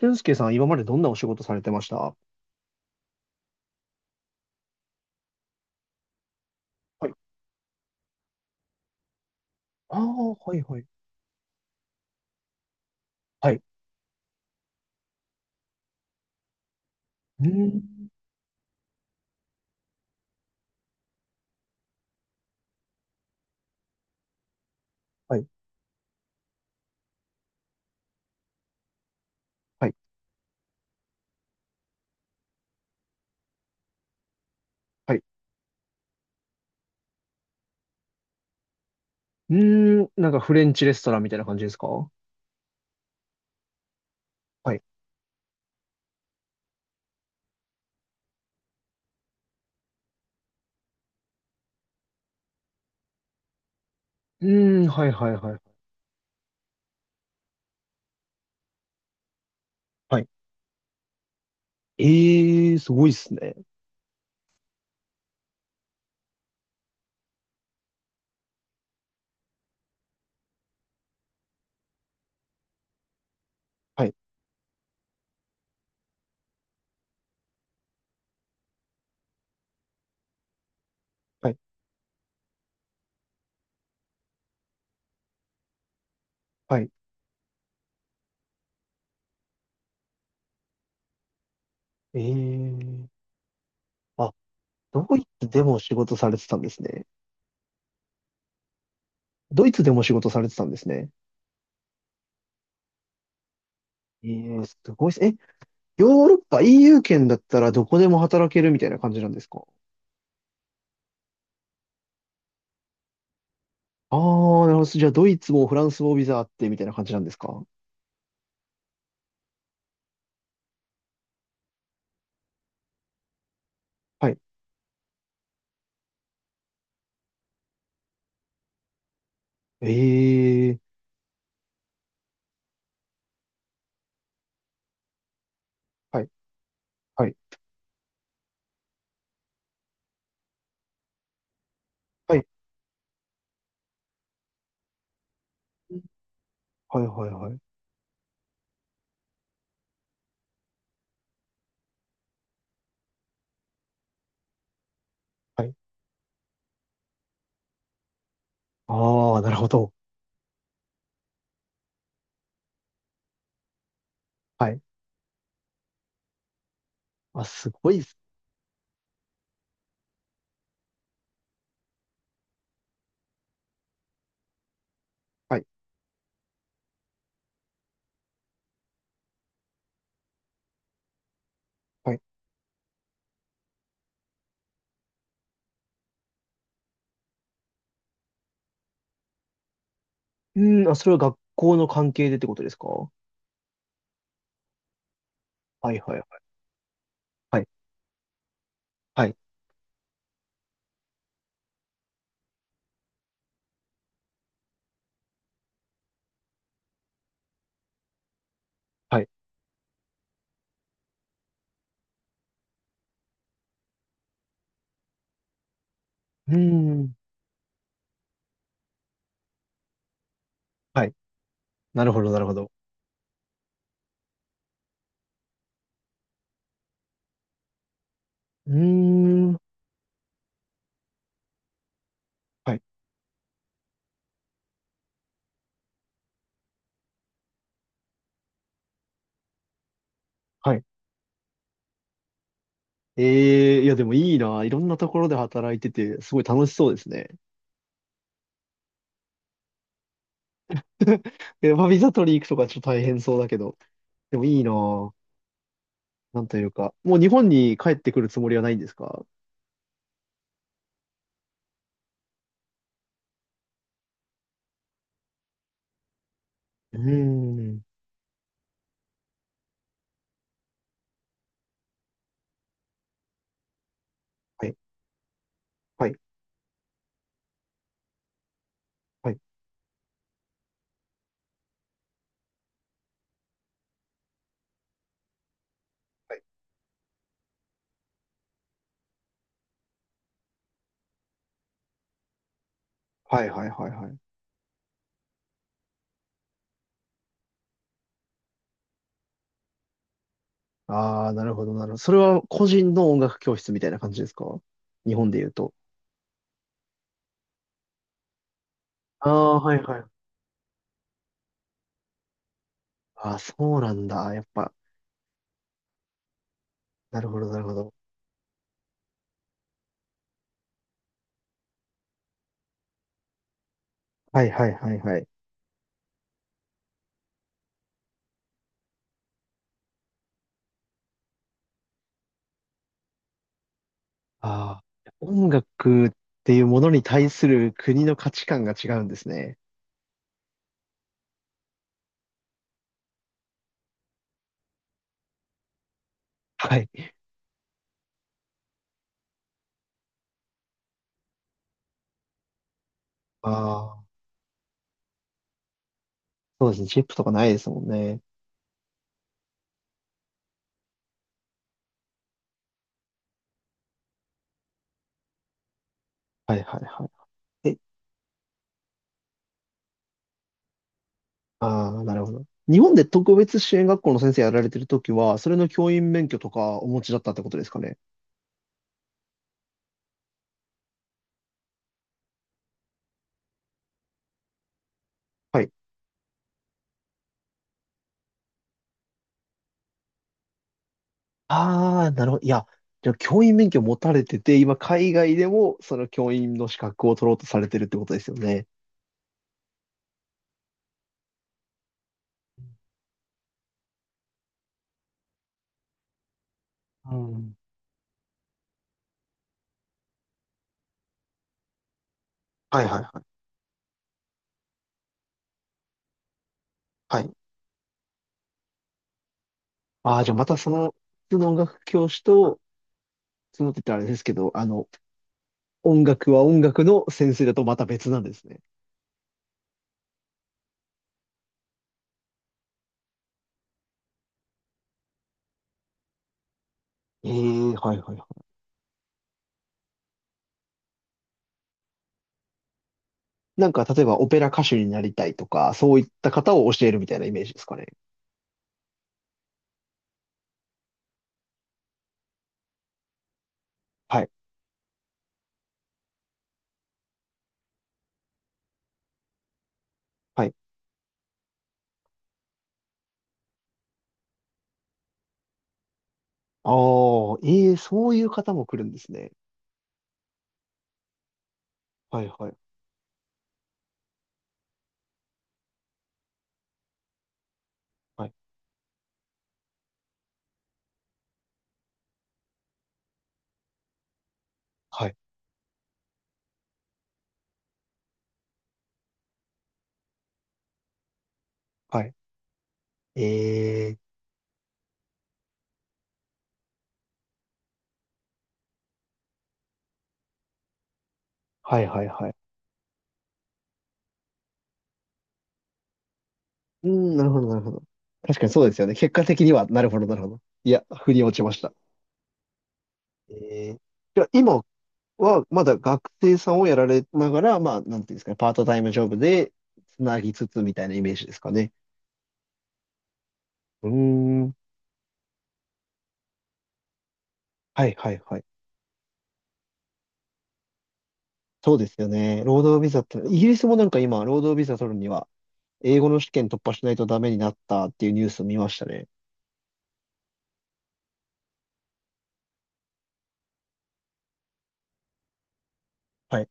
俊介さん、今までどんなお仕事されてましたはい。ああ、はいはい。はい。うーん。はい。はい、はい。うーん、なんかフレンチレストランみたいな感じですか？はい。うーん、はい、はい、はい。はい。ええー、すごいっすね。はい、はい、はい。ええー。あ、ドイツでも仕事されてたんですね。ドイツでも仕事されてたんですね。ええー、すごいっす。え、ヨーロッパ EU 圏だったらどこでも働けるみたいな感じなんですか？ああー、なるほど。じゃあ、ドイツもフランスもビザあってみたいな感じなんですか？はい。ええはい、はい、はい、はい、はい、はい。はい。ああ、なるほど。はい。あ、すごいっす。はい、はい。うん、あ、それは学校の関係でってことですか？はい、はい、はい、はい、はい。はいうん、はい。なるほど、なるほど。うーん、はい、はい。ええいや、でもいいな。いろんなところで働いてて、すごい楽しそうですね。え、まあ、ビザ取り行くとかちょっと大変そうだけど、でもいいな。なんというか、もう日本に帰ってくるつもりはないんですか？うーん。はい、はい、はい、はい、はい、はい、はい。ああ、なるほど、なるほど。それは個人の音楽教室みたいな感じですか？日本で言うと。ああ、はい、はい。ああ、そうなんだ。やっぱ、なるほど、なるほど。はい、はい、はい、はい。ああ、音楽っていうものに対する国の価値観が違うんですね。はい。ああ、そうですね。チップとかないですもんね。はい、はい、はい。ああ、なるほど。日本で特別支援学校の先生やられてるときは、それの教員免許とかお持ちだったってことですかね。はい。ああ、なるほど。いや、じゃあ教員免許持たれてて、今海外でもその教員の資格を取ろうとされてるってことですよね。うん。はいはいはい。はい。ああ、じゃあまたその、普通の音楽教師と、そのって言ったらあれですけど、音楽は音楽の先生だとまた別なんですね。ええ、はいはいはい。なんか、例えばオペラ歌手になりたいとか、そういった方を教えるみたいなイメージですかね。はい。はい。ああ、ええ、そういう方も来るんですね。はい、はい、はい、はい、はい。ええ、はい、はい、はい。うん、なるほど、なるほど。確かにそうですよね。結果的には、なるほど、なるほど。いや、腑に落ちました。ええ。じゃあ、今は、まだ学生さんをやられながら、まあ、なんていうんですかね、パートタイムジョブで、つなぎつつみたいなイメージですかね。うーん。はい、はい、はい。そうですよね。労働ビザって、イギリスもなんか今、労働ビザ取るには、英語の試験突破しないとダメになったっていうニュースを見ましたね。はい。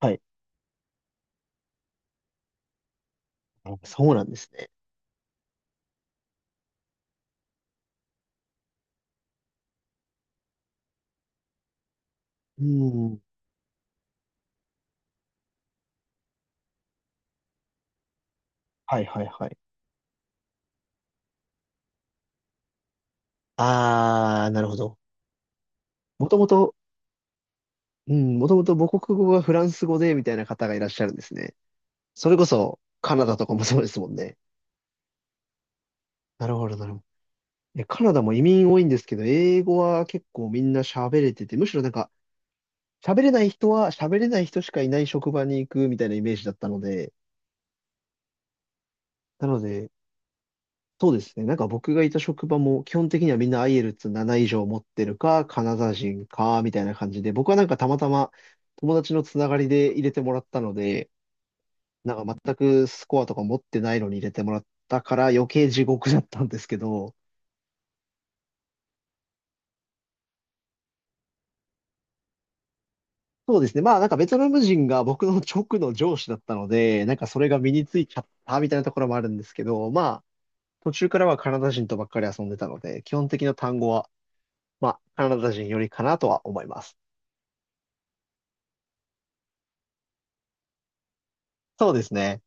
はい。あそうなんですね。うん。はいはいはい。あー、なるほど。もともと、うん、もともと母国語がフランス語でみたいな方がいらっしゃるんですね。それこそカナダとかもそうですもんね。なるほどなるほど。いやカナダも移民多いんですけど、英語は結構みんな喋れてて、むしろなんか喋れない人は喋れない人しかいない職場に行くみたいなイメージだったので、なので、そうですね。なんか僕がいた職場も基本的にはみんな IELTS7 以上持ってるか、カナダ人か、みたいな感じで、僕はなんかたまたま友達のつながりで入れてもらったので、なんか全くスコアとか持ってないのに入れてもらったから余計地獄だったんですけど、そうですね。まあなんかベトナム人が僕の直の上司だったので、なんかそれが身についちゃったみたいなところもあるんですけど、まあ途中からはカナダ人とばっかり遊んでたので、基本的な単語は、まあカナダ人よりかなとは思います。そうですね。